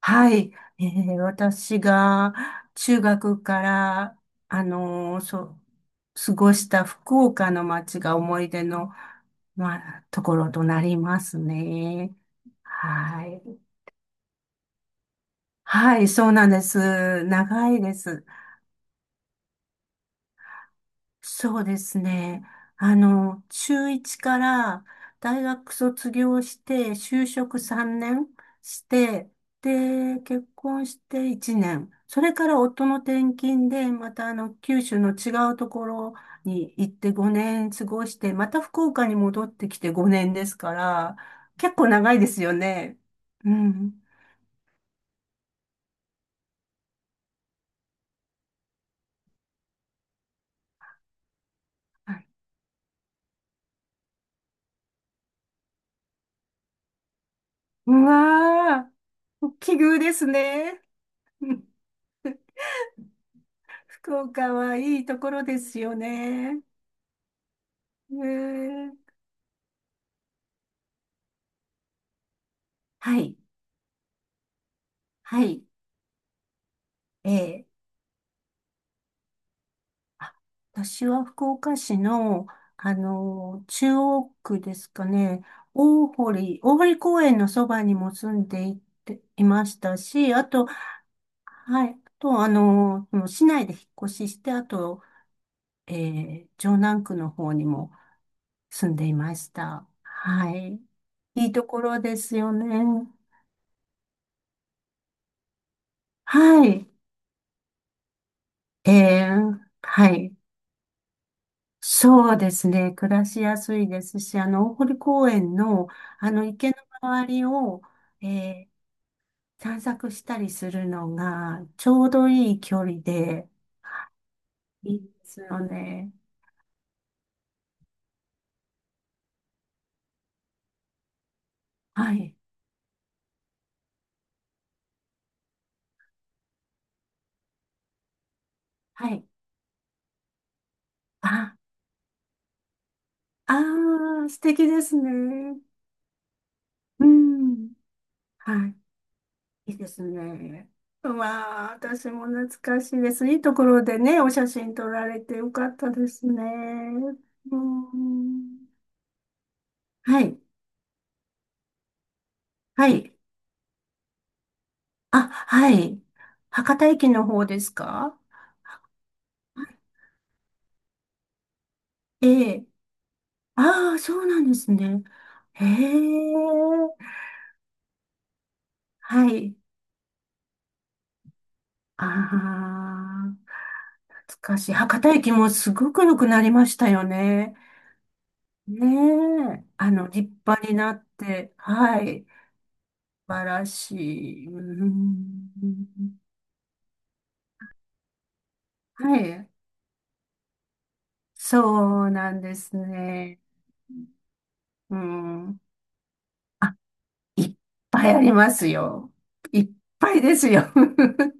はい。私が中学から、そう、過ごした福岡の街が思い出の、まあ、ところとなりますね。はい。はい、そうなんです。長いです。そうですね。中1から大学卒業して、就職3年して、で、結婚して1年。それから夫の転勤で、また九州の違うところに行って5年過ごして、また福岡に戻ってきて5年ですから、結構長いですよね。うん。はい。うわー、奇遇ですね。福岡はいいところですよね。えー、はい、はい、ええ、あ、私は福岡市の、中央区ですかね、大堀公園のそばにも住んでいて、いましたし、あと、はい、あと、その市内で引っ越しして、あと、え城南区の方にも住んでいました。はい。いいところですよね。はい。ええ、はい。そうですね。暮らしやすいですし、大堀公園の、池の周りを、えー散策したりするのが、ちょうどいい距離で、いいですよね。はい。はい。あ、あー、素敵ですね。うん。はい。いいですね。うわあ、私も懐かしいです。いいところでね、お写真撮られてよかったですね。うん。はい。はい。あ、はい。博多駅の方ですか？ ええ。ああ、そうなんですね。へえ。はい。ああ、懐かしい。博多駅もすごく良くなりましたよね。ねえ。立派になって。はい。素晴らしい。うん。はい。そうなんですね。うん。いっぱいありますよ。いっぱいですよ。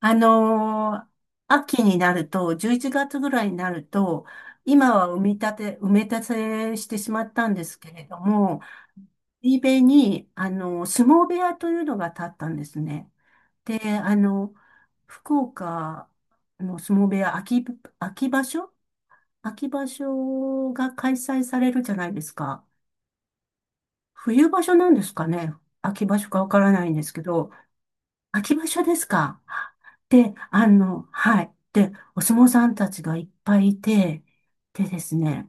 あのー秋になると、11月ぐらいになると、今は埋め立てしてしまったんですけれども、海辺に、相撲部屋というのが建ったんですね。で、福岡の相撲部屋、秋場所秋場所が開催されるじゃないですか。冬場所なんですかね。秋場所かわからないんですけど、秋場所ですか。で、はい。で、お相撲さんたちがいっぱいいて、でですね、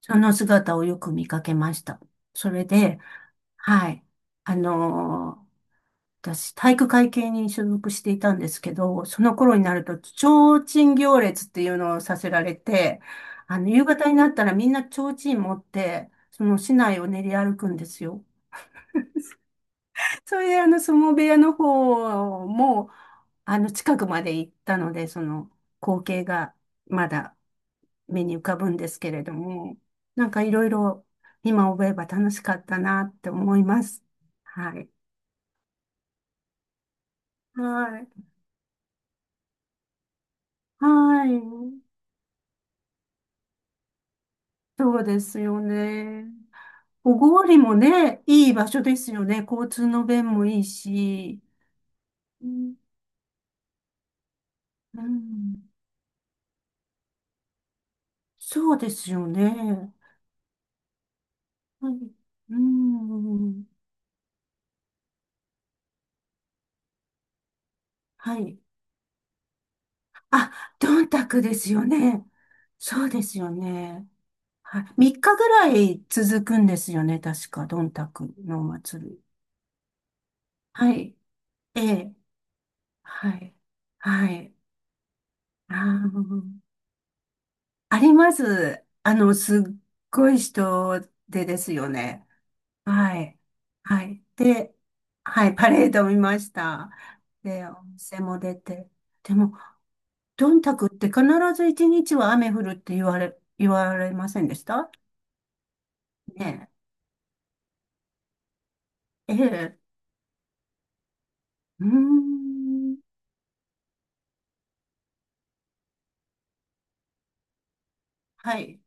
その姿をよく見かけました。それで、はい。あのー私、体育会系に所属していたんですけど、その頃になると、提灯行列っていうのをさせられて、夕方になったらみんな提灯持って、その市内を練り歩くんですよ。それで、相撲部屋の方も、近くまで行ったので、その、光景がまだ目に浮かぶんですけれども、なんかいろいろ今思えば楽しかったなって思います。はい。はい。はい。そうですよね。小郡もね、いい場所ですよね。交通の便もいいし。うん。うん。そうですよね。はい。うん。はい。あ、どんたくですよね。そうですよね。はい。3日ぐらい続くんですよね。確か、どんたくのお祭り。はい。ええ。はい。はい。あー、あります。すっごい人でですよね。はい。はい。で、はい。パレード見ました。で、お店も出て。でも、どんたくって必ず一日は雨降るって言われませんでしたね？ええ、うーん、はい。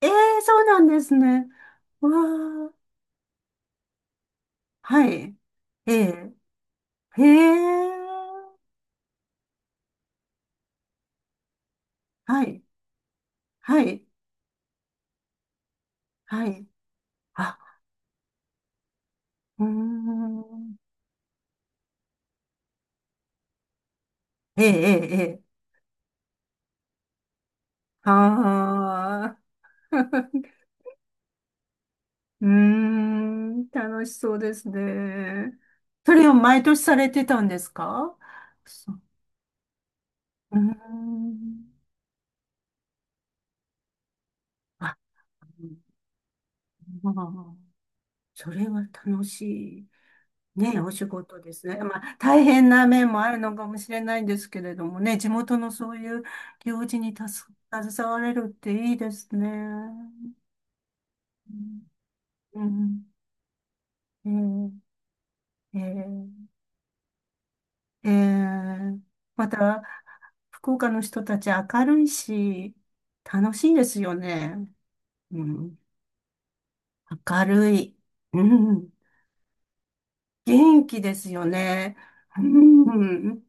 ええ、そうなんですね。わあ、はい。ええ、へえ、はい、はい、はい。あ、うーん、ええ、ええ、ええ、ああ、うーん、楽しそうですね。それを毎年されてたんですか？そう、うーん、あ、まあ、それは楽しい。ね、お仕事ですね。まあ、大変な面もあるのかもしれないんですけれどもね、地元のそういう行事にたす携われるっていいですね。うん、うん、えーえーえーまた、福岡の人たち明るいし、楽しいですよね。うん、明るい。うん、元気ですよね。うん、うん、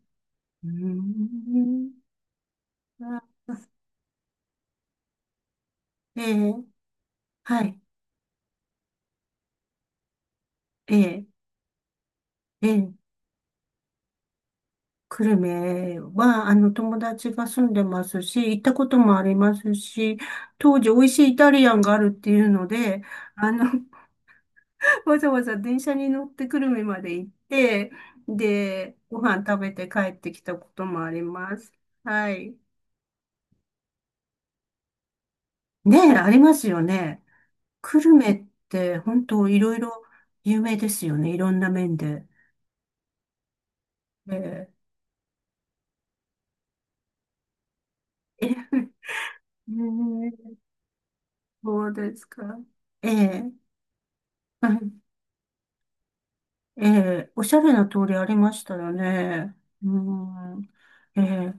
うん。えーはい。ええ、ええ、久留米は、友達が住んでますし、行ったこともありますし、当時美味しいイタリアンがあるっていうので、あの、わざわざ電車に乗って久留米まで行って、で、ご飯食べて帰ってきたこともあります。はい。ねえ、ありますよね。久留米って本当いろいろ有名ですよね。いろんな面で。ええ、ええ、そうですか。ええ。ええ、おしゃれな通りありましたよね。うん。ええ、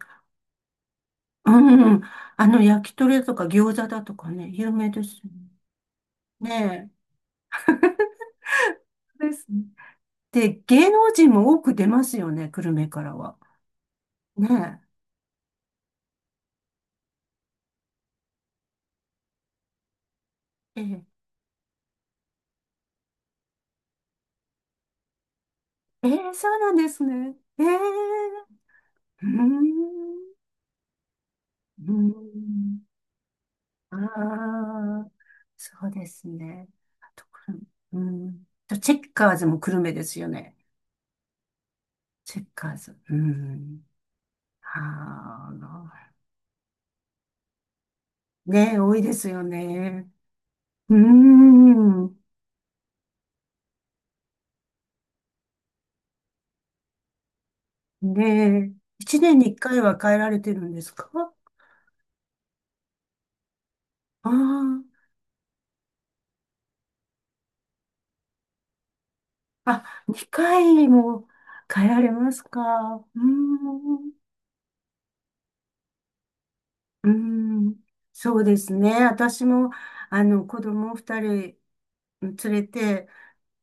うん。焼き鳥とか餃子だとかね、有名ですよね。ねえですね。ねで、芸能人も多く出ますよね、久留米からは。ねえ。ええ、ええ、そうなんですね。ええ、うん。うん。ああ、そうですね。あと、久留米、うん。と、チェッカーズも久留米ですよね。チェッカーズ。うん。はあ、ね、多いですよね。うーん。ねえ、一年に一回は変えられてるんですか？ああ、あ、二回も変えられますか？うーん。うーん。そうですね。私も、子供二人連れて、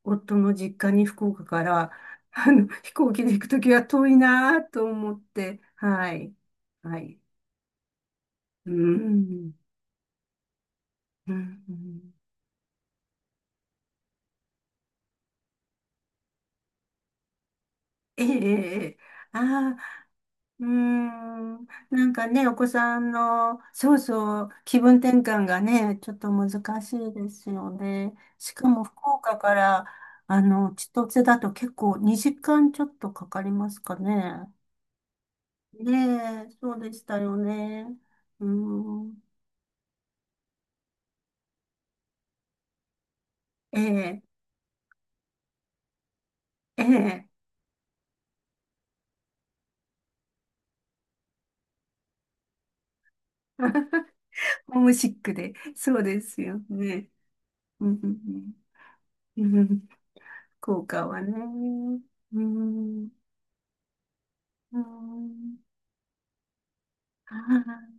夫の実家に福岡から、飛行機で行くときは遠いなぁと思って、はい。はい。うーん。うん、うん、ええ、ええ、ああ、うーん、なんかね、お子さんの、そうそう、気分転換がね、ちょっと難しいですよね。しかも福岡から、千歳だと結構2時間ちょっとかかりますかね。ねえ、そうでしたよね。うーん、ええ、ええ、ホームシックで、そうですよね。うん、うん、うん、うん、福岡はね。うん、うん あー、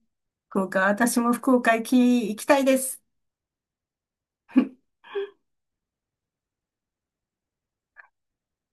福岡、私も福岡行きたいです。